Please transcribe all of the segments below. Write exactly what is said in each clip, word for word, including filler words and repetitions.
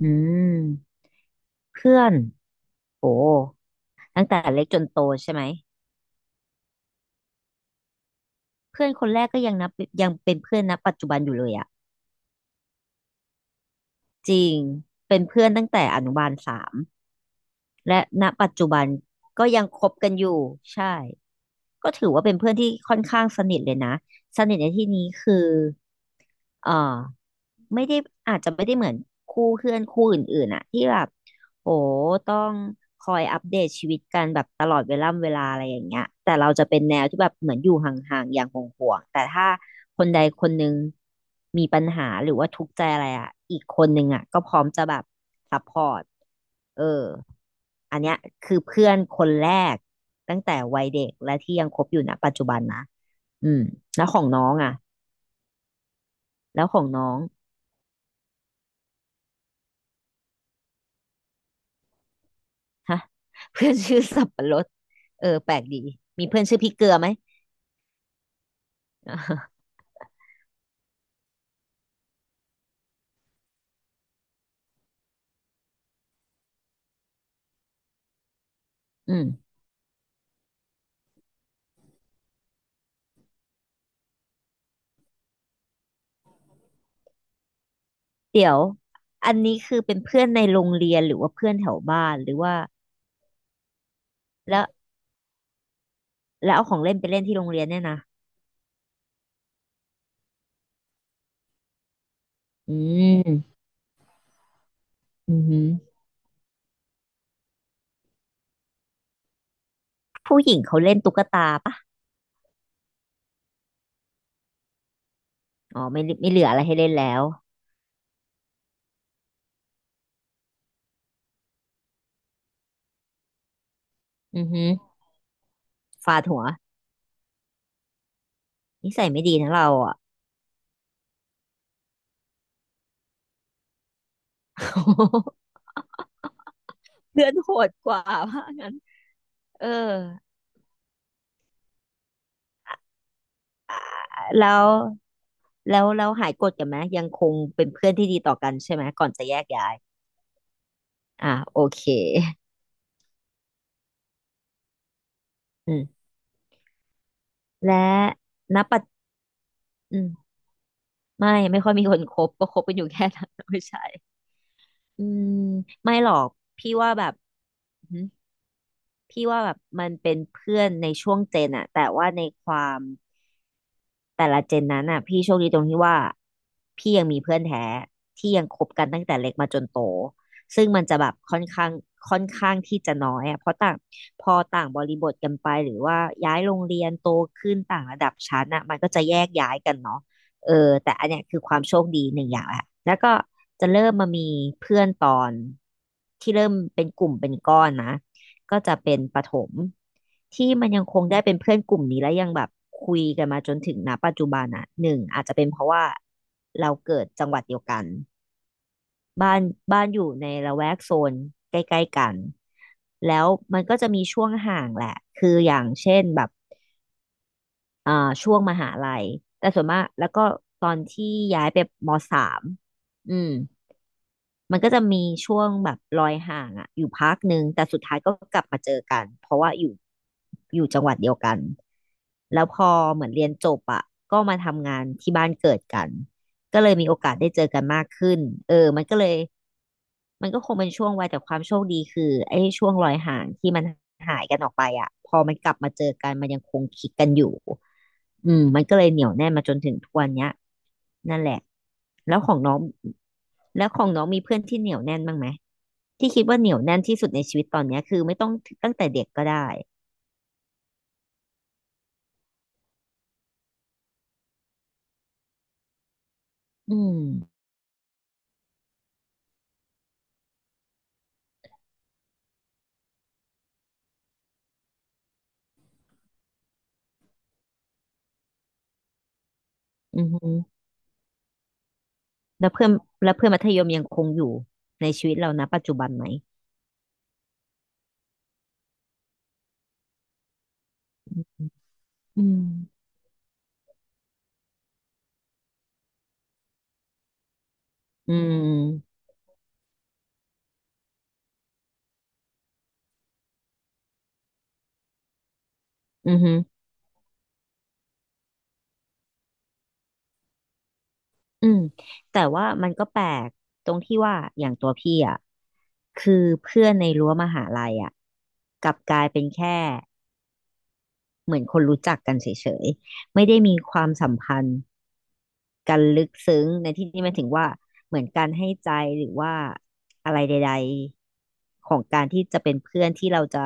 อืมเพื่อนโอ้ตั้งแต่เล็กจนโตใช่ไหมเพื่อนคนแรกก็ยังนับยังเป็นเพื่อนณปัจจุบันอยู่เลยอะจริงเป็นเพื่อนตั้งแต่อนุบาลสามและณปัจจุบันก็ยังคบกันอยู่ใช่ก็ถือว่าเป็นเพื่อนที่ค่อนข้างสนิทเลยนะสนิทในที่นี้คือเอ่อไม่ได้อาจจะไม่ได้เหมือนคู่เพื่อนคู่อื่นๆอะที่แบบ โหต้องคอยอัปเดตชีวิตกันแบบตลอดเวลาำเวลาอะไรอย่างเงี้ยแต่เราจะเป็นแนวที่แบบเหมือนอยู่ห่างๆอย่างห่วงๆแต่ถ้าคนใดคนหนึ่งมีปัญหาหรือว่าทุกข์ใจอะไรอ่ะอีกคนหนึ่งอ่ะก็พร้อมจะแบบซัพพอร์ตเอออันเนี้ยคือเพื่อนคนแรกตั้งแต่วัยเด็กและที่ยังคบอยู่ณปัจจุบันนะอืมแล้วของน้องอ่ะแล้วของน้องฮะ เพื่อนชื่อสับปะรดเออแปลกดีมีเพื่อนชื่อพริกเกลือไหมอืม เดี๋ยวอันนี้คือเป็นเพื่อนในโรงเรียนหรือว่าเพื่อนแถวบ้านหรือว่าแล้วแล้วเอาของเล่นไปเล่นที่โรงเรียนเนี่ยนะอืมอือหือผู้หญิงเขาเล่นตุ๊กตาปะอ๋อไม่ไม่เหลืออะไรให้เล่นแล้วอือหือฟาดหัวนิสัยไม่ดีทั้งเราอ่ะ เพื่อนโหดกว่าว่างั้นเออแล้วแล้วเราหายโกรธกันไหมยังคงเป็นเพื่อนที่ดีต่อกันใช่ไหมก่อนจะแยกย้ายอ่ะโอเคอืมและณปัจอืม ไม่ไม่ค่อยมีคนคบก็คบกันอยู่แค่นั้น ไม่ใช่อืมไม่หรอกพี่ว่าแบบอื้อหือพี่ว่าแบบมันเป็นเพื่อนในช่วงเจนอะแต่ว่าในความ แต่ละเจนนั้นอ่ะพี่โชคดีตรงที่ว่าพี่ยังมีเพื่อนแท้ที่ยังคบกันตั้งแต่เล็กมาจนโตซึ่งมันจะแบบค่อนข้างค่อนข้างที่จะน้อยอ่ะเพราะต่างพอต่างบริบทกันไปหรือว่าย้ายโรงเรียนโตขึ้นต่างระดับชั้นอ่ะมันก็จะแยกย้ายกันเนาะเออแต่อันเนี้ยคือความโชคดีหนึ่งอย่างแหละแล้วก็จะเริ่มมามีเพื่อนตอนที่เริ่มเป็นกลุ่มเป็นก้อนนะ ก็จะเป็นประถมที่มันยังคงได้เป็นเพื่อนกลุ่มนี้และยังแบบคุยกันมาจนถึงณปัจจุบันอ่ะหนึ่งอาจจะเป็นเพราะว่าเราเกิดจังหวัดเดียวกันบ้านบ้านอยู่ในละแวกโซนใกล้ๆกันแล้วมันก็จะมีช่วงห่างแหละคืออย่างเช่นแบบอ่าช่วงมหาลัยแต่ส่วนมากแล้วก็ตอนที่ย้ายไปมสามอืม มันก็จะมีช่วงแบบลอยห่างอะอยู่พักหนึ่งแต่สุดท้ายก็กลับมาเจอกันเพราะว่าอยู่อยู่จังหวัดเดียวกันแล้วพอเหมือนเรียนจบอะก็มาทำงานที่บ้านเกิดกันก็เลยมีโอกาสได้เจอกันมากขึ้นเออมันก็เลย มันก็คงเป็นช่วงวัยแต่ความโชคดีคือไอ้ช่วงรอยห่างที่มันหายกันออกไปอ่ะพอมันกลับมาเจอกันมันยังคงคลิกกันอยู่อืมมันก็เลยเหนียวแน่นมาจนถึงทุกวันเนี้ยนั่นแหละแล้วของน้องแล้วของน้องมีเพื่อนที่เหนียวแน่นบ้างไหมที่คิดว่าเหนียวแน่นที่สุดในชีวิตตอนเนี้ยคือไม่ต้องตั้งแต่เด็กก็ได้อืมอืออแล้วเพื่อนแล้วเพื่อนมัธยมยังคงอยู่ในชีวิตเรานะปัจจุบันไหมอืมอืมอือหือ อืมแต่ว่ามันก็แปลกตรงที่ว่าอย่างตัวพี่อ่ะคือเพื่อนในรั้วมหาลัยอ่ะกลับกลายเป็นแค่เหมือนคนรู้จักกันเฉยๆไม่ได้มีความสัมพันธ์ การลึกซึ้งในที่นี้หมายถึงว่าเหมือนการให้ใจหรือว่าอะไรใดๆของการที่จะเป็นเพื่อนที่เราจะ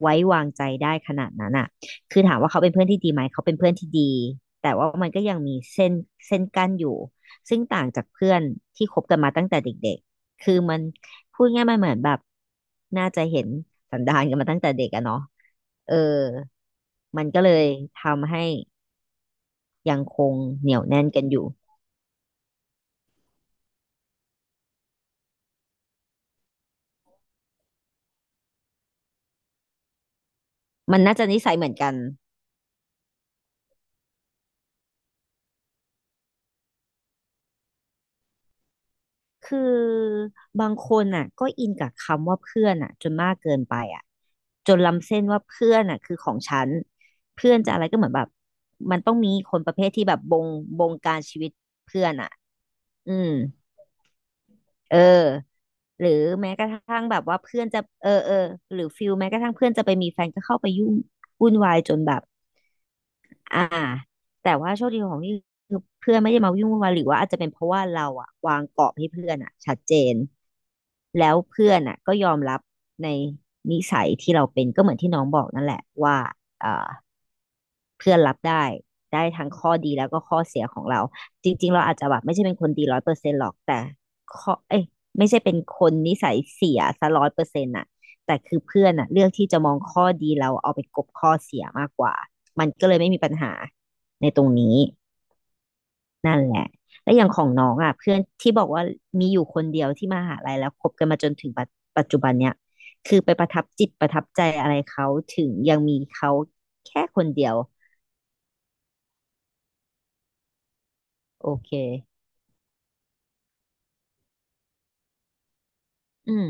ไว้วางใจได้ขนาดนั้นอ่ะคือถามว่าเขาเป็นเพื่อนที่ดีไหมเขาเป็นเพื่อนที่ดีแต่ว่ามันก็ยังมีเส้นเส้นกั้นอยู่ซึ่งต่างจากเพื่อนที่คบกันมาตั้งแต่เด็กๆคือมันพูดง่ายๆมันเหมือนแบบน่าจะเห็นสันดานกันมาตั้งแต่เด็กอะเนาะเออมันก็เลยทำให้ยังคงเหนียวแน่นกันอยู่ มันน่าจะนิสัยเหมือนกัน คือบางคนอ่ะก็อินกับคำว่าเพื่อนอ่ะจนมากเกินไปอ่ะจนล้ำเส้นว่าเพื่อนอ่ะคือของฉัน เพื่อนจะอะไรก็เหมือนแบบมันต้องมีคนประเภทที่แบบบงบงการชีวิตเพื่อนอ่ะ อืม เออหรือแม้กระทั่งแบบว่าเพื่อนจะเออเออหรือฟิลแม้กระทั่งเพื่อนจะไปมีแฟนก็เข้าไปยุ่งวุ่นวายจนแบบ อ่าแต่ว่าโชคดีของพี่คือเพื่อนไม่ได้มาวิ่งวุ่นวายหรือว่าอาจจะเป็นเพราะว่าเราอะวางกรอบให้เพื่อนอะชัดเจนแล้วเพื่อนอะก็ยอมรับในนิสัยที่เราเป็นก็เหมือนที่น้องบอกนั่นแหละว่าเอ่อ เพื่อนรับได้ได้ทั้งข้อดีแล้วก็ข้อเสียของเราจริงๆเราอาจจะแบบไม่ใช่เป็นคนดีร้อยเปอร์เซ็นต์หรอกแต่ข้อเอ้ยไม่ใช่เป็นคนนิสัยเสียซะร้อยเปอร์เซ็นต์อะแต่คือเพื่อนอะเลือกที่จะมองข้อดีเราเอาไปกลบข้อเสียมากกว่ามันก็เลยไม่มีปัญหาในตรงนี้นั่นแหละและอย่างของน้องอ่ะเพื่อนที่บอกว่ามีอยู่คนเดียวที่มหาลัยแล้วคบกันมาจนถึงปัจปัจจุบันเนี่ยคือไปประทับจิตประทับใจอะไรเขาถึงยังมีเขาแค่คนเดียวโอเค อืม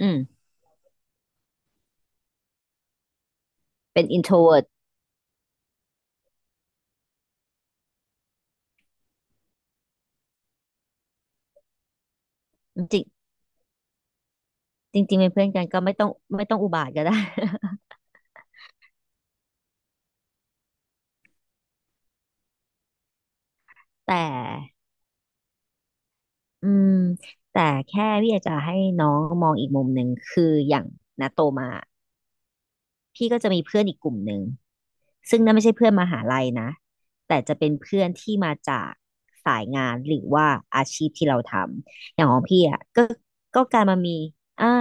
อืม เป็น อินโทรเวิร์ต จริงจริงๆเป็นเพื่อนกันก็ไม่ต้องไม่ต้องอุบาทก็ได้ แต่อืมแต่แค่พี่อยากจะให้น้องมองอีกมุมหนึ่งคืออย่างณโตมา พี่ก็จะมีเพื่อนอีกกลุ่มหนึ่งซึ่งนั่นไม่ใช่เพื่อนมหาลัยนะแต่จะเป็นเพื่อนที่มาจากสายงานหรือว่าอาชีพที่เราทำอย่างของพี่อ่ะก็ก็การมามีอ่า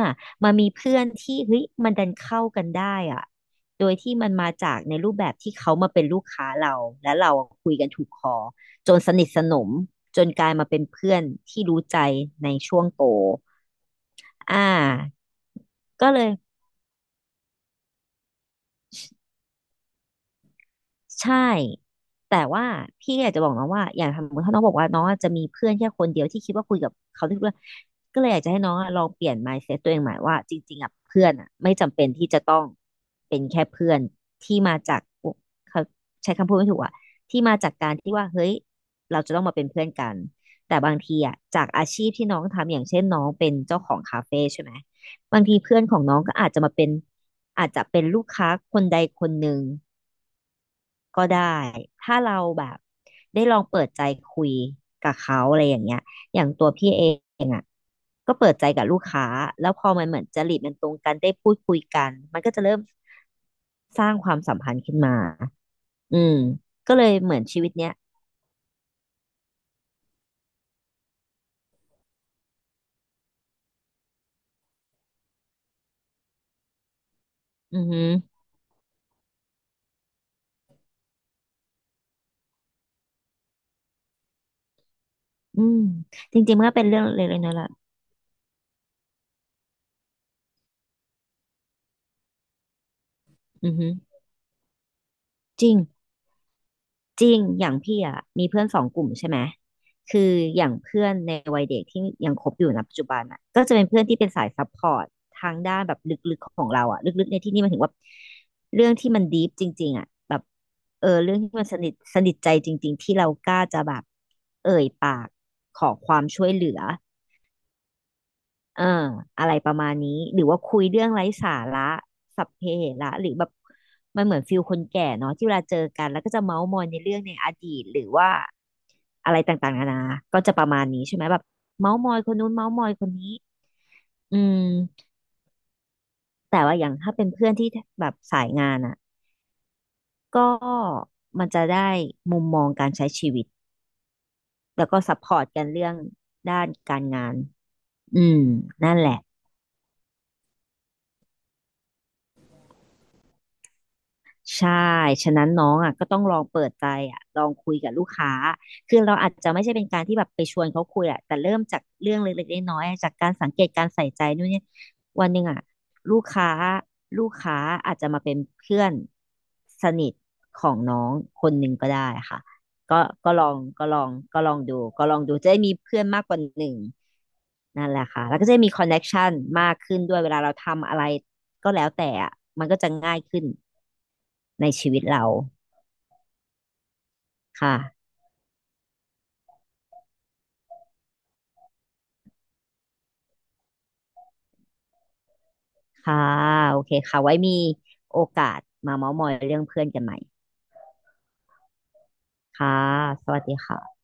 มามีเพื่อนที่เฮ้ยมันดันเข้ากันได้อ่ะโดยที่มันมาจากในรูปแบบที่เขามาเป็นลูกค้าเราและเราคุยกันถูกคอจนสนิทสนมจนกลายมาเป็นเพื่อนที่รู้ใจในช่วงโตอ่าก็เลย ใช่ แต่ว่าพี่อยากจะบอกน้องว่าอย่างสมมติถ้าน้องบอกว่าน้องจะมีเพื่อนแค่คนเดียวที่คิดว่าคุยกับเขาได้ทุกเรื่องก็เลยอยากจะให้น้องอะลองเปลี่ยน มายด์เซ็ต ตัวเองใหม่ว่าจริงๆอ่ะเพื่อนอ่ะไม่จำเป็นที่จะต้องเป็นแค่เพื่อนที่มาจากเขาใช้คำพูดไม่ถูกอ่ะที่มาจากการที่ว่าเฮ้ยเราจะต้องมาเป็นเพื่อนกันแต่บางทีอ่ะจากอาชีพที่น้องทำอย่างเช่นน้องเป็นเจ้าของคาเฟ่ใช่ไหมบางทีเพื่อนของน้องก็อาจจะมาเป็นอาจจะเป็นลูกค้าคนใดคนหนึ่ง ก็ได้ ถ้าเราแบบได้ลองเปิดใจคุยกับเขาอะไรอย่างเงี้ยอย่างตัวพี่เองอ่ะก็เปิดใจกับลูกค้าแล้วพอมันเหมือนจริตมันตรงกันได้พูดคุยกันมันก็จะเริ่มสร้างความสัมพันธ์ขึ้นมาอืมก็เลยเหมือนชีวิตเนี้ยอือหืออืมจริงๆมันก็เป็นเรื่องเล็กๆน้อยๆละอือหือจริง จริงอย่างพี่อ่ะมีเพื่อนสองกลุ่มใช่ไหมคืออย่างเพื่อนในวัยเด็กที่ยังคบอยู่นะปัจจุบันอ่ะก็จะเป็นเพื่อนที่เป็นสายซัพพอร์ตทางด้านแบบลึกๆของเราอ่ะลึกๆในที่นี่มันถึงว่าเรื่องที่มันดีฟจริงๆอ่ะแบบเออเรื่องที่มันสนิทสนิทใจจริงๆที่เรากล้าจะแบบเอ่ยปากขอความช่วยเหลือเอออะไรประมาณนี้หรือว่าคุยเรื่องไร้สาระสัพเพเหระหรือแบบมันเหมือนฟิลคนแก่เนาะที่เวลาเจอกันแล้วก็จะเม้าท์มอยในเรื่องในอดีตหรือว่า อะไรต่างๆนานาก็จะประมาณนี้ใช่ไหม แบบเมาส์มอยคนนู้นเมาส์มอยคนนี้อืมแต่ว่าอย่างถ้าเป็นเพื่อนที่แบบสายงานอ่ะก็มันจะได้มุมมองการใช้ชีวิต แล้วก็ซัพพอร์ตกันเรื่องด้านการงานอืมนั่นแหละ ใช่ฉะนั้นน้องอ่ะก็ต้องลองเปิดใจอ่ะลองคุยกับลูกค้าคือเราอาจจะไม่ใช่เป็นการที่แบบไปชวนเขาคุยแหละแต่เริ่มจากเรื่องเล็กๆน้อยๆจากการสังเกตการใส่ใจนู่นเนี่ยวันหนึ่งอ่ะลูกค้าลูกค้าอาจจะมาเป็นเพื่อนสนิทของน้องคนหนึ่งก็ได้ค่ะ ก็ก็ลองก็ลองก็ลองดูก็ลองดูจะได้มีเพื่อนมากกว่าหนึ่งนั่นแหละค่ะแล้วก็จะได้มีคอนเน็กชันมากขึ้นด้วยเวลาเราทำอะไรก็แล้วแต่อ่ะมันก็จะง่ายขึ้นในชีวิตเรา ค่ะค่ะ โอเคค่ะ ไว้มีโอกาสมาเม้าท์มอยเรื่องเพื่อนกันใหม่ ค่ะ สวัสดีค่ะ